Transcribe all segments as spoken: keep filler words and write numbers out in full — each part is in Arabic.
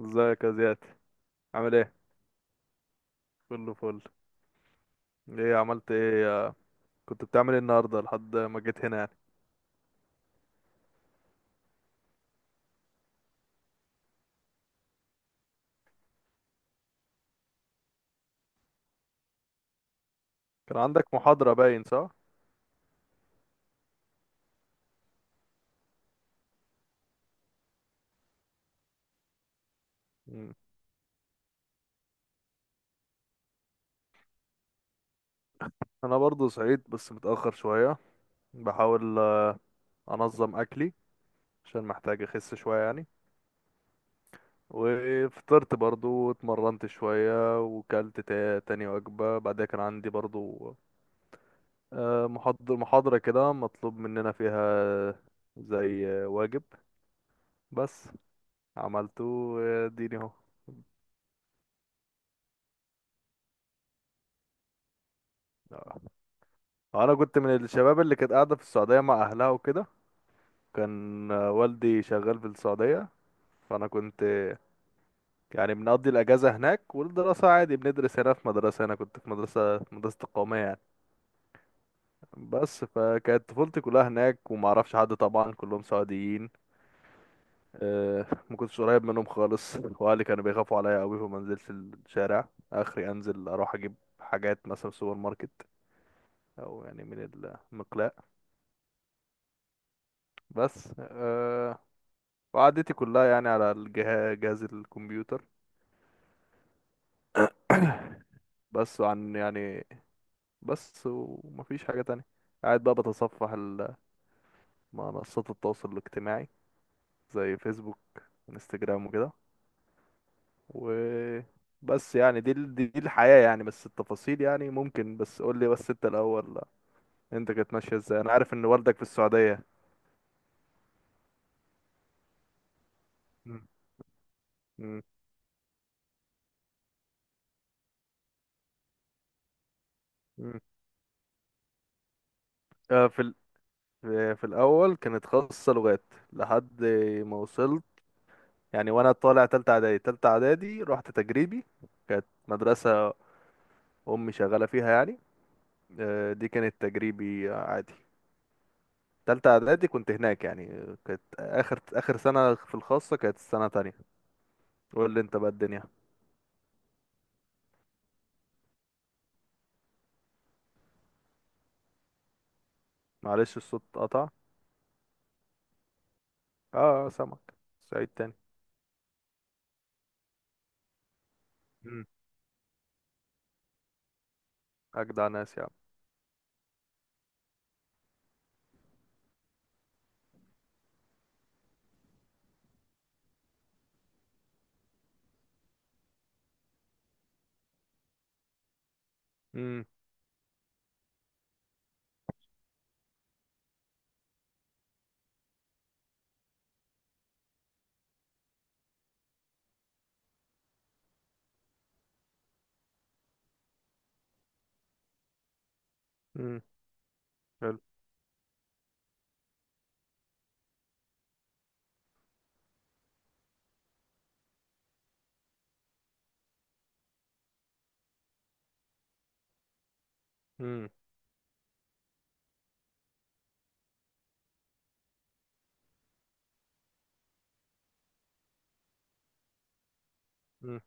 ازيك يا زياد؟ عامل ايه؟ كله فل. ايه عملت ايه آه، كنت بتعمل ايه النهارده لحد ما جيت هنا يعني؟ كان عندك محاضرة باين، صح؟ مم. انا برضو صحيت بس متأخر شوية. بحاول آه، انظم اكلي عشان محتاج اخس شوية يعني. وفطرت برضو واتمرنت شوية وكلت تا- تاني وجبة. بعدها كان عندي برضو آه، محاضر محاضرة كده مطلوب مننا فيها، زي آه، واجب. بس عملته. آه، اديني اهو. انا كنت من الشباب اللي كانت قاعده في السعوديه مع اهلها وكده. كان آه، والدي شغال في السعوديه. فانا كنت آه، يعني بنقضي الاجازه هناك، والدراسه عادي بندرس هنا في مدرسه. انا كنت في مدرسه في مدرسه القوميه يعني. بس فكانت طفولتي كلها هناك، وما اعرفش حد، طبعا كلهم سعوديين. آه، ما كنتش قريب منهم خالص واهلي كانوا بيخافوا عليا قوي، فما نزلتش الشارع. اخري انزل اروح اجيب حاجات مثلا في السوبر ماركت، او يعني من المقلاة، بس أه. وقعدتي كلها يعني على الجهاز، جهاز الكمبيوتر. بس عن يعني، بس ومفيش حاجة تانية. قاعد بقى بتصفح ال- منصات التواصل الاجتماعي، زي فيسبوك، انستجرام وكده. وبس يعني، دي ال- دي دي الحياة يعني. بس التفاصيل يعني ممكن، بس قول لي بس انت الأول. انت كانت ماشية ازاي؟ انا عارف ان والدك في السعودية. مم. مم. مم. آه، في ال... في في الأول كانت خاصة لغات، لحد ما وصلت يعني. وانا طالع تالتة اعدادي، تالتة اعدادي رحت تجريبي. كانت مدرسة امي شغالة فيها يعني. آه، دي كانت تجريبي عادي. تالتة اعدادي كنت هناك يعني. آه، كانت اخر اخر سنة في الخاصة كانت السنة تانية. قول لي انت بقى الدنيا. معلش الصوت قطع. اه، آه، سامعك. سعيد تاني. مم. اجدع ناس يا عم. مم. مم. حلو. مم. مم.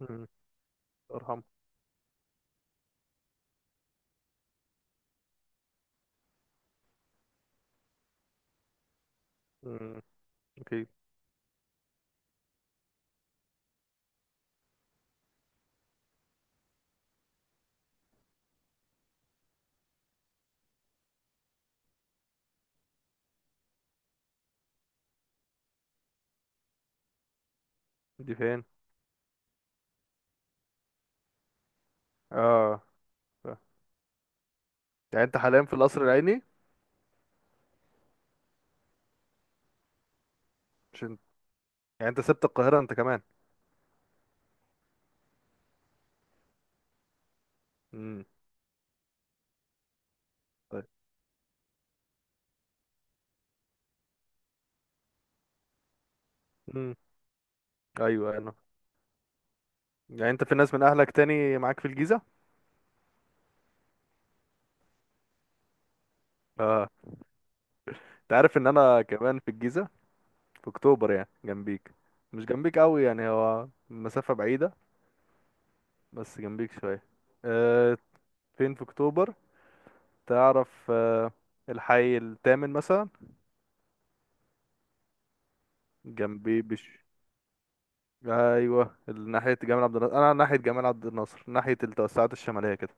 مم. ارحم. مم. اكيد. دي فين؟ اه، ف- يعني انت حاليا في القصر العيني؟ عشان يعني انت سبت القاهرة انت كمان. مم. طيب. امم. ايوه انا. يعني انت في ناس من اهلك تاني معاك في الجيزه؟ اه. انت عارف ان انا كمان في الجيزه، في اكتوبر، يعني جنبيك. مش جنبيك قوي يعني، هو مسافه بعيده، بس جنبيك شويه. أه. فين في اكتوبر؟ تعرف؟ أه، الحي الثامن مثلا. جنبي. بش ايوه، ناحيه جمال عبد الناصر. انا ناحيه جمال عبد الناصر، ناحيه التوسعات الشماليه كده.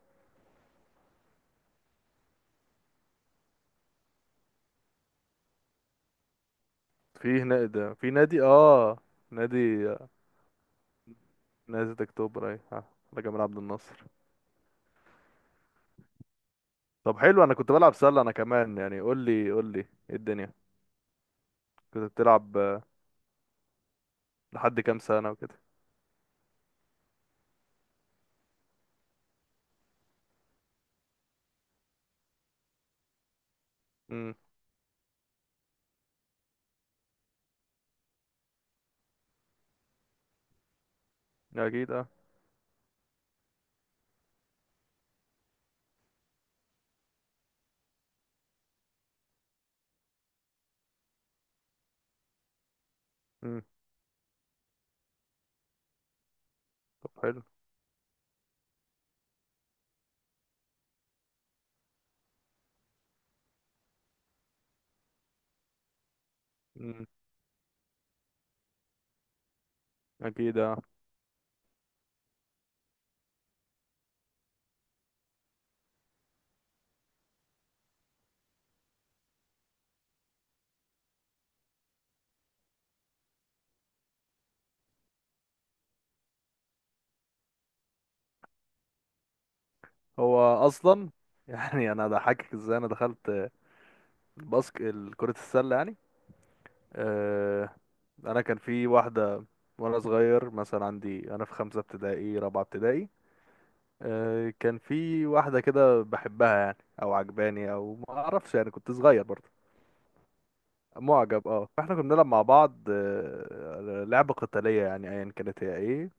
في هنا، ده في نادي اه نادي نادي اكتوبر. ايوه. آه، على جمال عبد الناصر. طب حلو، انا كنت بلعب سلة انا كمان يعني. قول لي قول لي ايه الدنيا؟ كنت بتلعب آه، لحد كام سنة وكده؟ امم. اكيد اه. امم. طب حلو. امم. اكيد اه. هو اصلا يعني انا ضحكك ازاي انا دخلت آه، الباسك ال- كرة السلة يعني. آه انا كان في واحدة، وانا صغير مثلا، عندي انا في خمسة ابتدائي، رابعة ابتدائي. آه كان في واحدة كده بحبها يعني، او عجباني، او ما اعرفش يعني، كنت صغير برضه. معجب اه. فاحنا كنا بنلعب مع بعض آه، لعبة قتالية، يعني ايا كانت هي ايه.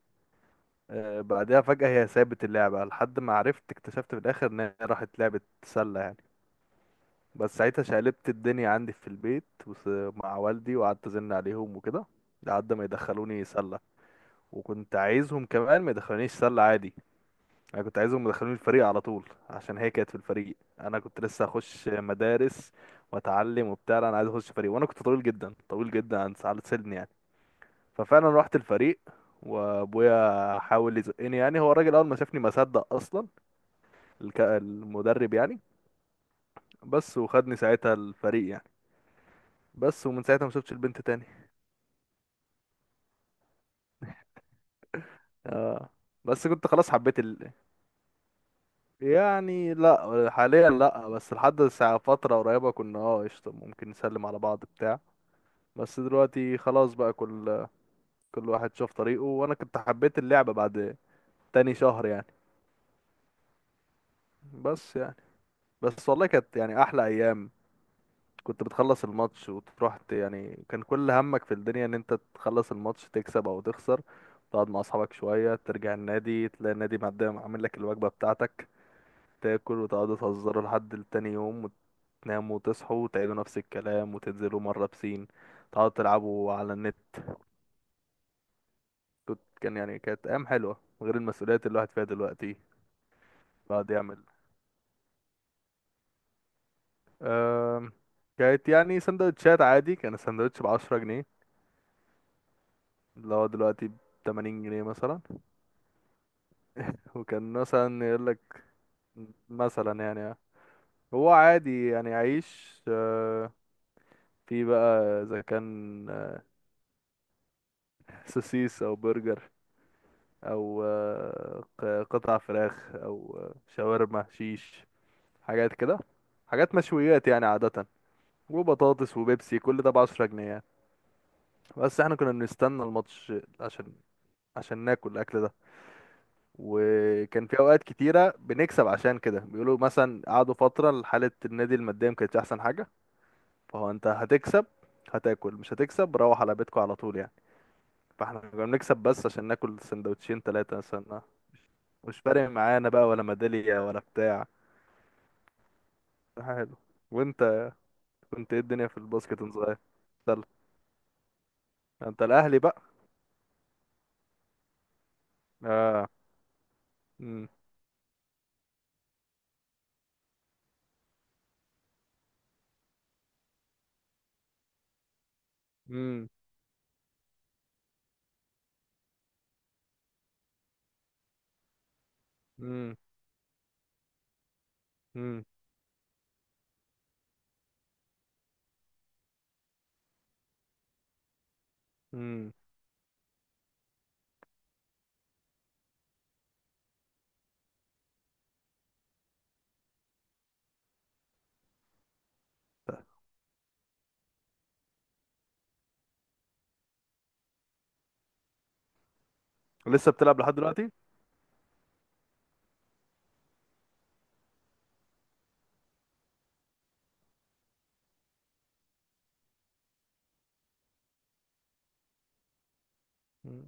آه، بعدها فجأة هي سابت اللعبة، لحد ما عرفت، اكتشفت في الاخر ان هي راحت لعبة سلة يعني. بس ساعتها شقلبت الدنيا عندي في البيت، وس- مع والدي، وقعدت ازن عليهم وكده لحد ما يدخلوني سلة. وكنت عايزهم كمان ما يدخلونيش سلة عادي، انا كنت عايزهم يدخلوني الفريق على طول، عشان هي كانت في الفريق. انا كنت لسه اخش مدارس واتعلم وبتاع، لا، انا عايز اخش فريق. وانا كنت طويل جدا طويل جدا عن ساعة سني يعني. ففعلا رحت الفريق وابويا حاول يزقني يعني، هو الراجل اول ما شافني ما صدق اصلا، الك- المدرب يعني. بس وخدني ساعتها الفريق يعني. بس ومن ساعتها ما شفتش البنت تاني. اه، بس كنت خلاص حبيت ال... يعني لا، حاليا لا، بس لحد ساعة فترة قريبة كنا اه قشطة، ممكن نسلم على بعض بتاع. بس دلوقتي خلاص بقى، كل كل واحد شاف طريقه. وانا كنت حبيت اللعبة بعد تاني شهر يعني. بس يعني، بس والله كانت يعني احلى ايام. كنت بتخلص الماتش وتروح، ت- يعني كان كل همك في الدنيا ان انت تخلص الماتش، تكسب او تخسر، تقعد مع اصحابك شوية، ترجع النادي، تلاقي النادي مقدم عامل لك الوجبة بتاعتك، تاكل وتقعدوا تهزروا لحد تاني يوم، وتناموا وتصحوا وتعيدوا نفس الكلام، وتنزلوا مرة بسين، تقعدوا تلعبوا على النت. كنت كان يعني، كانت ايام حلوة، غير المسؤوليات اللي الواحد فيها دلوقتي. بعد يعمل أم... كانت يعني سندوتشات عادي. كان السندوتش بعشرة جنيه، اللي هو دلوقتي بتمانين جنيه مثلا. وكان مثلا يقول لك مثلا يعني، هو عادي يعني، عيش آه، في بقى اذا كان آه، سوسيس او برجر، او آه، ق- قطع فراخ، او آه، شاورما شيش، حاجات كده، حاجات مشويات يعني عادة. وبطاطس وبيبسي، كل ده بعشرة جنيه يعني. بس احنا كنا بنستنى الماتش عشان عشان ناكل الاكل ده. وكان في اوقات كتيرة بنكسب، عشان كده بيقولوا مثلا قعدوا فترة حالة النادي المادية ما كانتش احسن حاجة. فهو انت هتكسب، هتاكل، مش هتكسب روح على بيتكم على طول يعني. فاحنا كنا بنكسب بس عشان ناكل سندوتشين ثلاثة مثلا. مش فارق معانا بقى ولا ميدالية ولا بتاع. حلو. وانت كنت ايه الدنيا في الباسكت وانت صغير؟ سلة. انت الاهلي بقى. اه. امم. امم. امم. امم. امم. لسه بتلعب لحد دلوقتي؟ مم.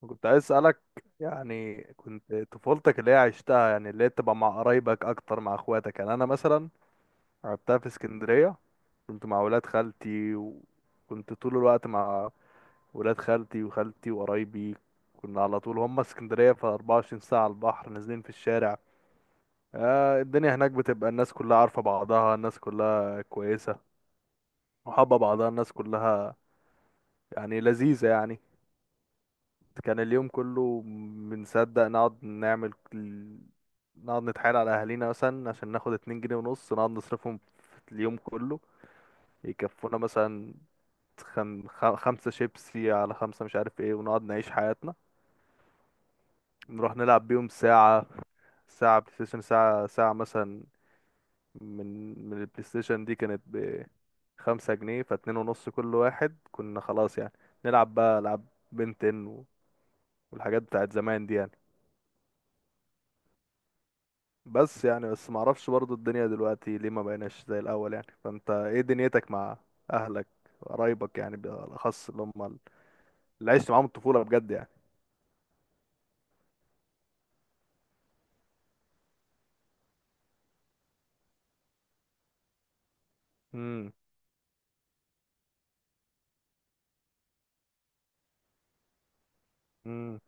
كنت عايز اسالك، يعني كنت طفولتك اللي هي عشتها، يعني اللي هي تبقى مع قرايبك اكتر، مع اخواتك. يعني انا مثلا لعبتها في اسكندريه، كنت مع ولاد خالتي، وكنت طول الوقت مع ولاد خالتي وخالتي وقرايبي. كنا على طول هم اسكندرية في اربعة وعشرين ساعة على البحر، نازلين في الشارع. آه الدنيا هناك بتبقى الناس كلها عارفة بعضها، الناس كلها كويسة وحابة بعضها، الناس كلها يعني لذيذة يعني. كان اليوم كله بنصدق نقعد نعمل ال- نقعد نتحايل على أهالينا مثلا عشان ناخد اتنين جنيه ونص، نقعد نصرفهم في اليوم كله. يكفونا مثلا خم... خ- خمسة شيبسي، على خمسة مش عارف ايه، ونقعد نعيش حياتنا. نروح نلعب بيهم ساعة، ساعة بلاي ستيشن، ساعة ساعة مثلا. من من البلاي ستيشن دي كانت بخمسة جنيه فاتنين ونص كل واحد، كنا خلاص يعني نلعب بقى ألعاب بنتن والحاجات بتاعت زمان دي يعني. بس يعني، بس معرفش برضو الدنيا دلوقتي ليه ما بقيناش زي الأول يعني. فانت ايه دنيتك مع أهلك، قرايبك يعني، بالأخص اللي هم اللي عشت معاهم الطفولة بجد يعني؟ امم.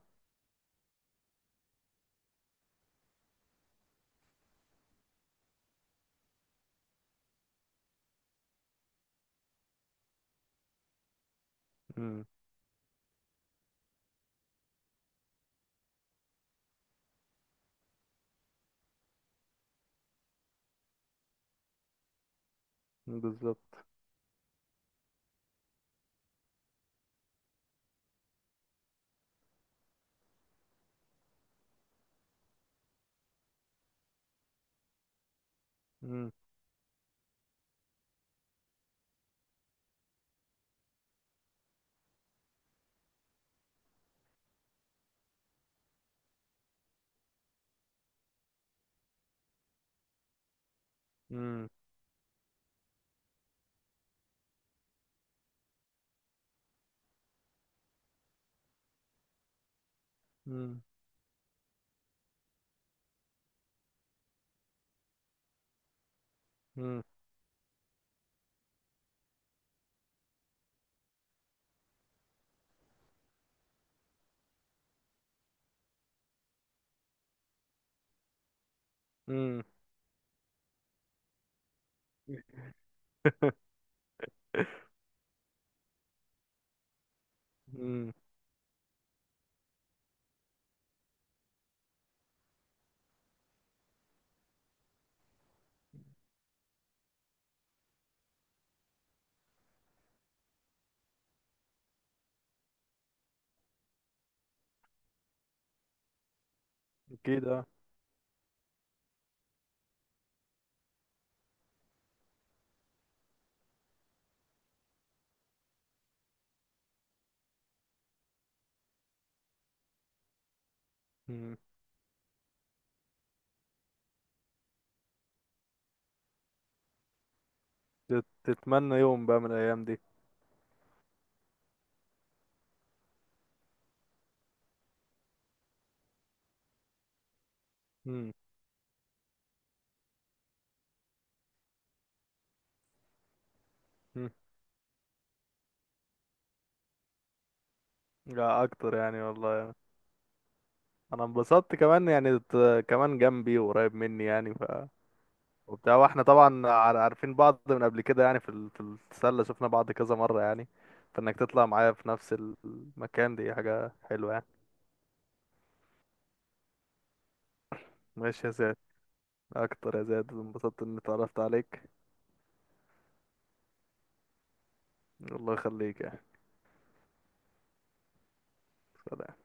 بالظبط. مم. مم. مم. مم. مم. مم. اكيد اه. مم. تت- تتمنى يوم بقى من الايام دي. مم. مم. لا، اكتر يعني والله. انا انبسطت كمان يعني، ت- كمان جنبي وقريب مني يعني ف وبتاع. واحنا طبعا عار- عارفين بعض من قبل كده يعني، في ال- في السله شفنا بعض كذا مره يعني، فانك تطلع معايا في نفس المكان دي حاجه حلوه يعني. ماشي يا زياد، اكتر يا زياد، انبسطت اني اتعرفت عليك. الله يخليك يعني. سلام.